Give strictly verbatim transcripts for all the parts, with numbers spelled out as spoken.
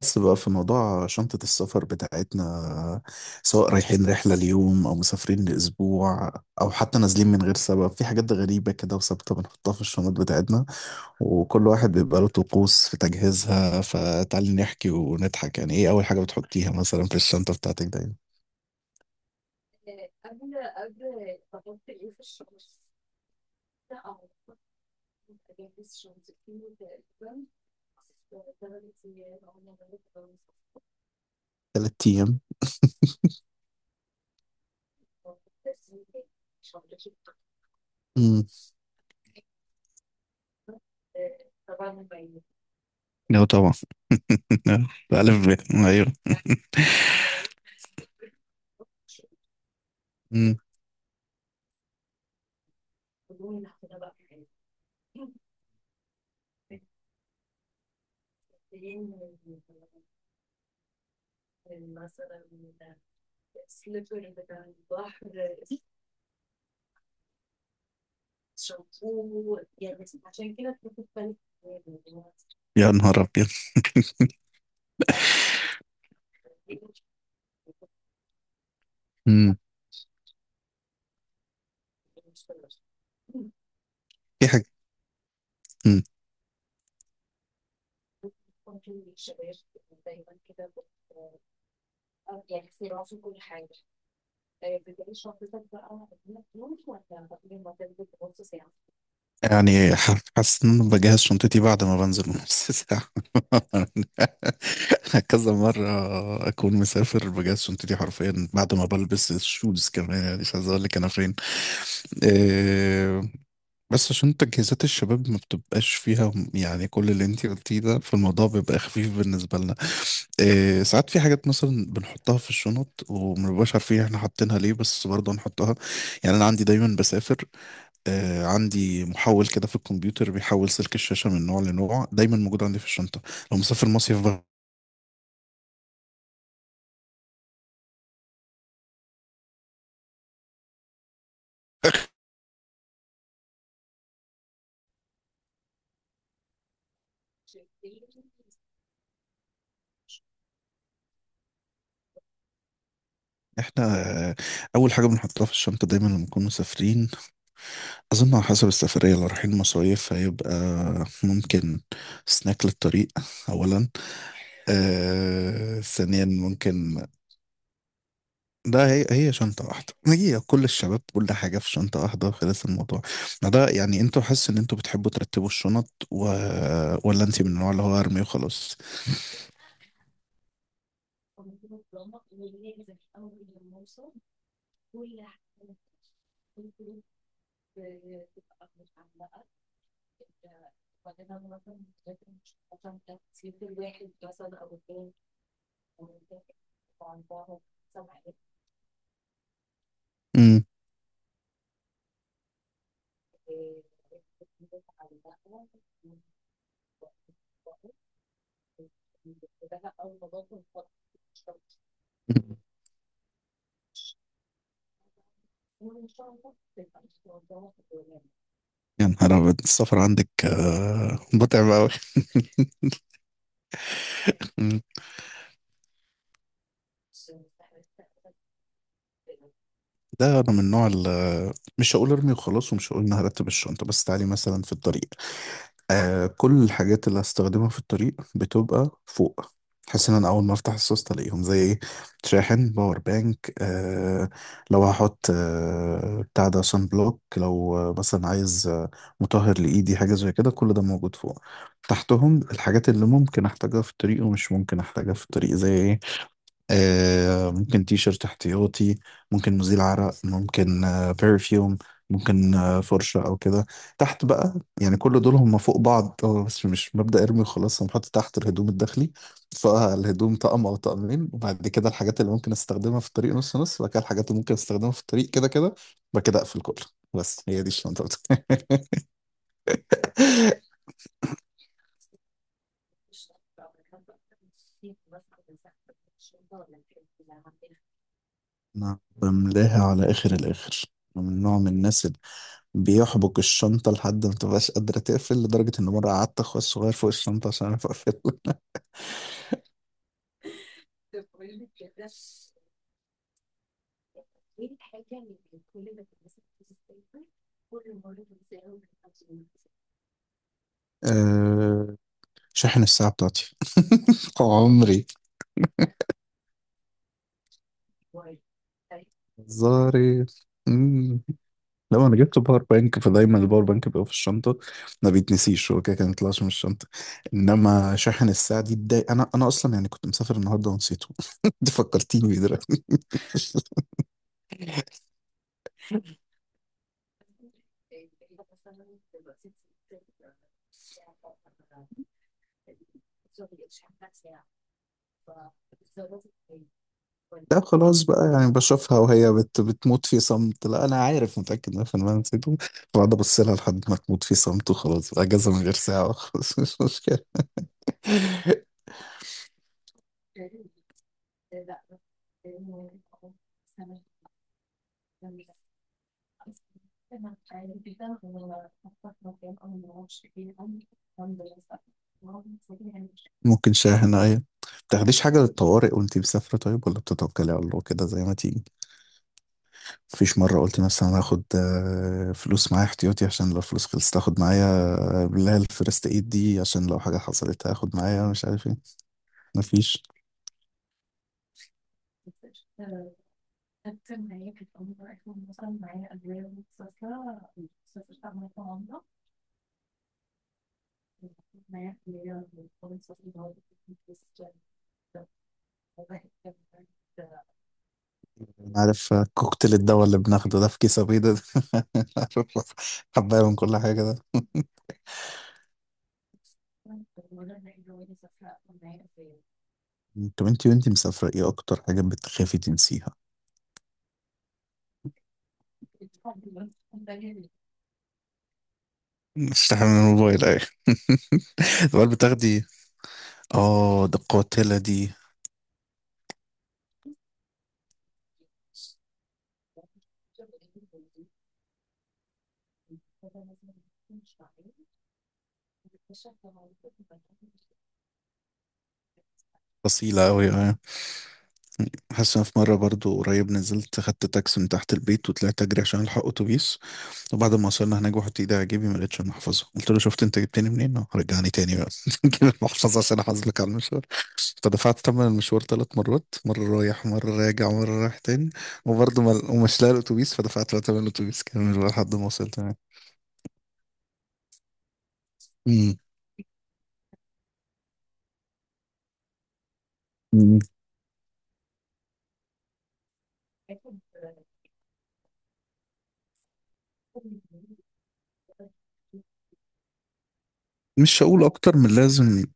بس بقى في موضوع شنطة السفر بتاعتنا سواء رايحين رحلة ليوم أو مسافرين لأسبوع أو حتى نازلين من غير سبب في حاجات غريبة كده وثابتة بنحطها في الشنط بتاعتنا وكل واحد بيبقى له طقوس في تجهيزها فتعالي نحكي ونضحك يعني إيه أول حاجة بتحطيها مثلا في الشنطة بتاعتك دايما. تلات أيام. أمم. لا طبعا. ألف ب أيوه. أمم. يا نهار أبيض أمم. في حاجة. يعني ح- حاسس ان انا بجهز شنطتي بعد ما بنزل من نص ساعة. كذا مرة اكون مسافر بجهز شنطتي حرفيا بعد ما بلبس الشوز كمان يعني مش عايز اقول لك انا فين. آه، بس عشان تجهيزات الشباب ما بتبقاش فيها م- يعني كل اللي انتي قلتيه ده فالموضوع بيبقى خفيف بالنسبة لنا. إيه ساعات في حاجات مثلا بنحطها في الشنط وما بنبقاش عارفين احنا حاطينها ليه بس برضه هنحطها. يعني انا عندي دايما بسافر. آه، عندي محول كده في الكمبيوتر بيحول سلك الشاشة من نوع لنوع دايما موجود عندي في الشنطة. لو مسافر مصيف بقى. احنا آه، اول حاجة بنحطها في الشنطة دايما لما نكون مسافرين. أظن على حسب السفرية لو رايحين مصايف هيبقى ممكن سناك للطريق أولا. آه ثانيا ممكن. ده هي هي شنطة واحدة هي كل الشباب كل حاجة في شنطة واحدة خلاص الموضوع. ما ده يعني انتوا حاسس إن انتوا بتحبوا ترتبوا الشنط و ولا انت من النوع اللي هو أرمي وخلاص؟ امم. يا نهار أبيض السفر عندك آه متعب أوي. مم. ده أنا من النوع اللي مش هقول ارمي وخلاص ومش هقول إن هرتب الشنطة بس تعالي مثلا في الطريق. آه كل الحاجات اللي هستخدمها في الطريق بتبقى فوق. بحيث ان انا اول ما افتح السوست الاقيهم زي ايه شاحن باور بانك آه لو هحط آه بتاع ده سان بلوك لو آه مثلا عايز آه مطهر لايدي حاجه زي كده كل ده موجود فوق. تحتهم الحاجات اللي ممكن احتاجها في الطريق ومش ممكن احتاجها في الطريق زي ايه آه، ممكن تي شيرت احتياطي ممكن مزيل عرق ممكن آه، برفيوم ممكن آه، فرشة أو كده تحت بقى. يعني كل دول هم فوق بعض هو بس مش مبدأ ارمي وخلاص هم حاطط تحت الهدوم الداخلي. فالهدوم طقم أو طقمين وبعد كده الحاجات اللي ممكن استخدمها في الطريق نص نص وبعد كده الحاجات اللي ممكن استخدمها في الطريق كده كده وبعد كده أقفل كله. بس هي دي الشنطة بتاعتي. أنا بملاها على آخر الآخر. أنا من نوع من الناس اللي بيحبك الشنطة لحد ما تبقاش قادرة تقفل لدرجة إن مرة قعدت أخويا الصغير فوق الشنطة عشان أعرف أقفل. أه شاحن الساعة بتاعتي. عمري هزاري. مم. لو أنا جبت باور بانك فدايما الباور بانك بيبقى في الشنطة ما بيتنسيش هو كده كده ما بيطلعش من الشنطة. إنما شاحن الساعة دي اتضايق أنا أنا أصلا يعني كنت مسافر النهاردة ونسيته. أنت فكرتيني بيه دلوقتي. لا خلاص بقى يعني بشوفها وهي بت بتموت في صمت. لا انا عارف متاكد مية بالمية نسيته. بقعد ابص لها لحد ما تموت في صمت وخلاص اجازه من غير ساعه خلاص. مش مشكله. ممكن شاحنه ايوه. تاخديش حاجه للطوارئ وانتي مسافره طيب ولا بتتوكلي على الله كده زي ما تيجي؟ مفيش مره قلت مثلا انا هاخد آه، فلوس معايا احتياطي عشان لو فلوس خلصت اخد معايا آه، اللي هي الفيرست ايد دي عشان لو حاجه حصلت هاخد معايا مش عارف ايه. مفيش. أنا عارف كوكتيل الدواء اللي بناخده ده في كيس أبيض ده. عارف حباية من كل حاجة ده. طب انتي وانتي مسافرة ايه أكتر حاجة بتخافي تنسيها؟ بتستحمي من الموبايل أيوة. الموبايل بتاخدي. اه ده قاتلة دي. أصيلة أوي أيوة. حاسس إن أنا في مرة برضو قريب نزلت خدت تاكسي من تحت البيت وطلعت أجري عشان ألحق أتوبيس. وبعد ما وصلنا هناك بحط ايدي على جيبي ما لقيتش المحفظه قلت له شفت انت جبتني منين آه، رجعني تاني بقى. جيب المحفظه عشان احاسبك على المشوار. فدفعت ثمن المشوار ثلاث مرات مره رايح مره راجع مره رايح تاني. وبرضه ما ومش لاقي الاتوبيس. فدفعت بقى ثمن الاتوبيس كامل بقى لحد ما وصلت هناك. مم. مم. مش هقول اكتر من لازم.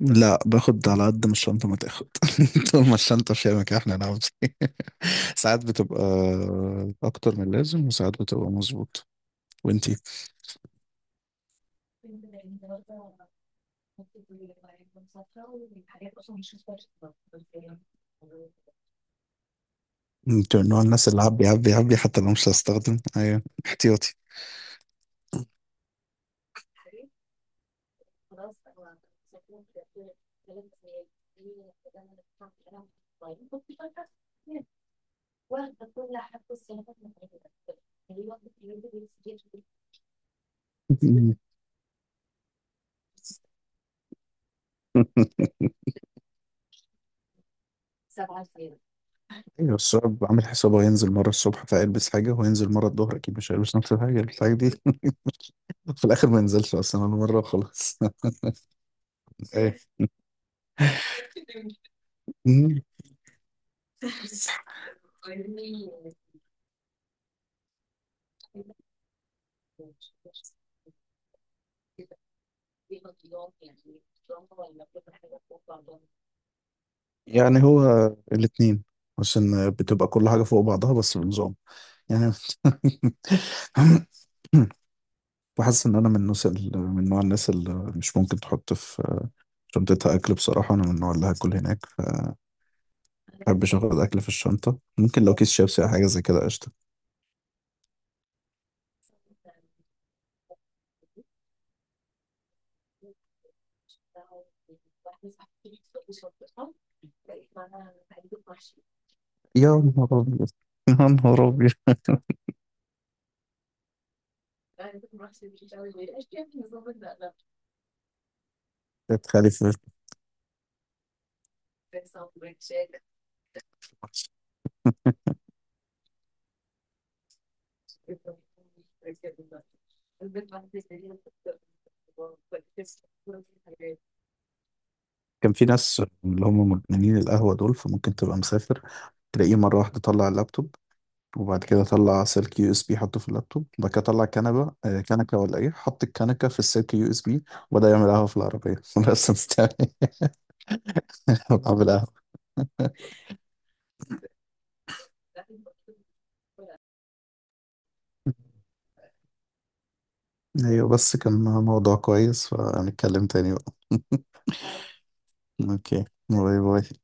لا باخد على قد ما الشنطه ما تاخد. طول ما الشنطه في مكان احنا نعمل إيه. ساعات بتبقى اكتر من لازم وساعات بتبقى مظبوط. وانتي؟ انت من نوع الناس اللي عبي عبي عبي حتى لو مش هستخدم ايوه احتياطي. ايوه الشباب عامل حسابه هينزل مره الصبح فيلبس حاجه وهينزل مره الظهر اكيد مش هيلبس نفس الحاجه يلبس الحاجه دي. في الاخر ما ينزلش اصلا ولا مره وخلاص. ايه. مم. يعني هو الاثنين بس ان بتبقى كل حاجه فوق بعضها بس بنظام يعني. وحاسس ان انا من الناس ال- من نوع الناس اللي مش ممكن تحط في شنطتها اكل بصراحه انا من النوع اللي هاكل هناك. محبش اخد اكل في الشنطه ممكن لو كيس شيبسي او حاجه زي كده قشطه. يا نهار ابيض يا نهار ابيض. كانت خالي في- كان في ناس اللي هم مدمنين القهوه دول فممكن تبقى مسافر تلاقيه مره واحده طلع اللابتوب. وبعد كده طلع سلك يو اس بي حطه في اللابتوب وبعد كده طلع كنبه آه، كنكه ولا ايه حط الكنكه في السلك يو اس بي. وبدا يعمل قهوه في العربيه. انا اصلا مستني اعمل قهوه. ايوه بس كان موضوع كويس فهنتكلم تاني بقى. اوكي باي باي.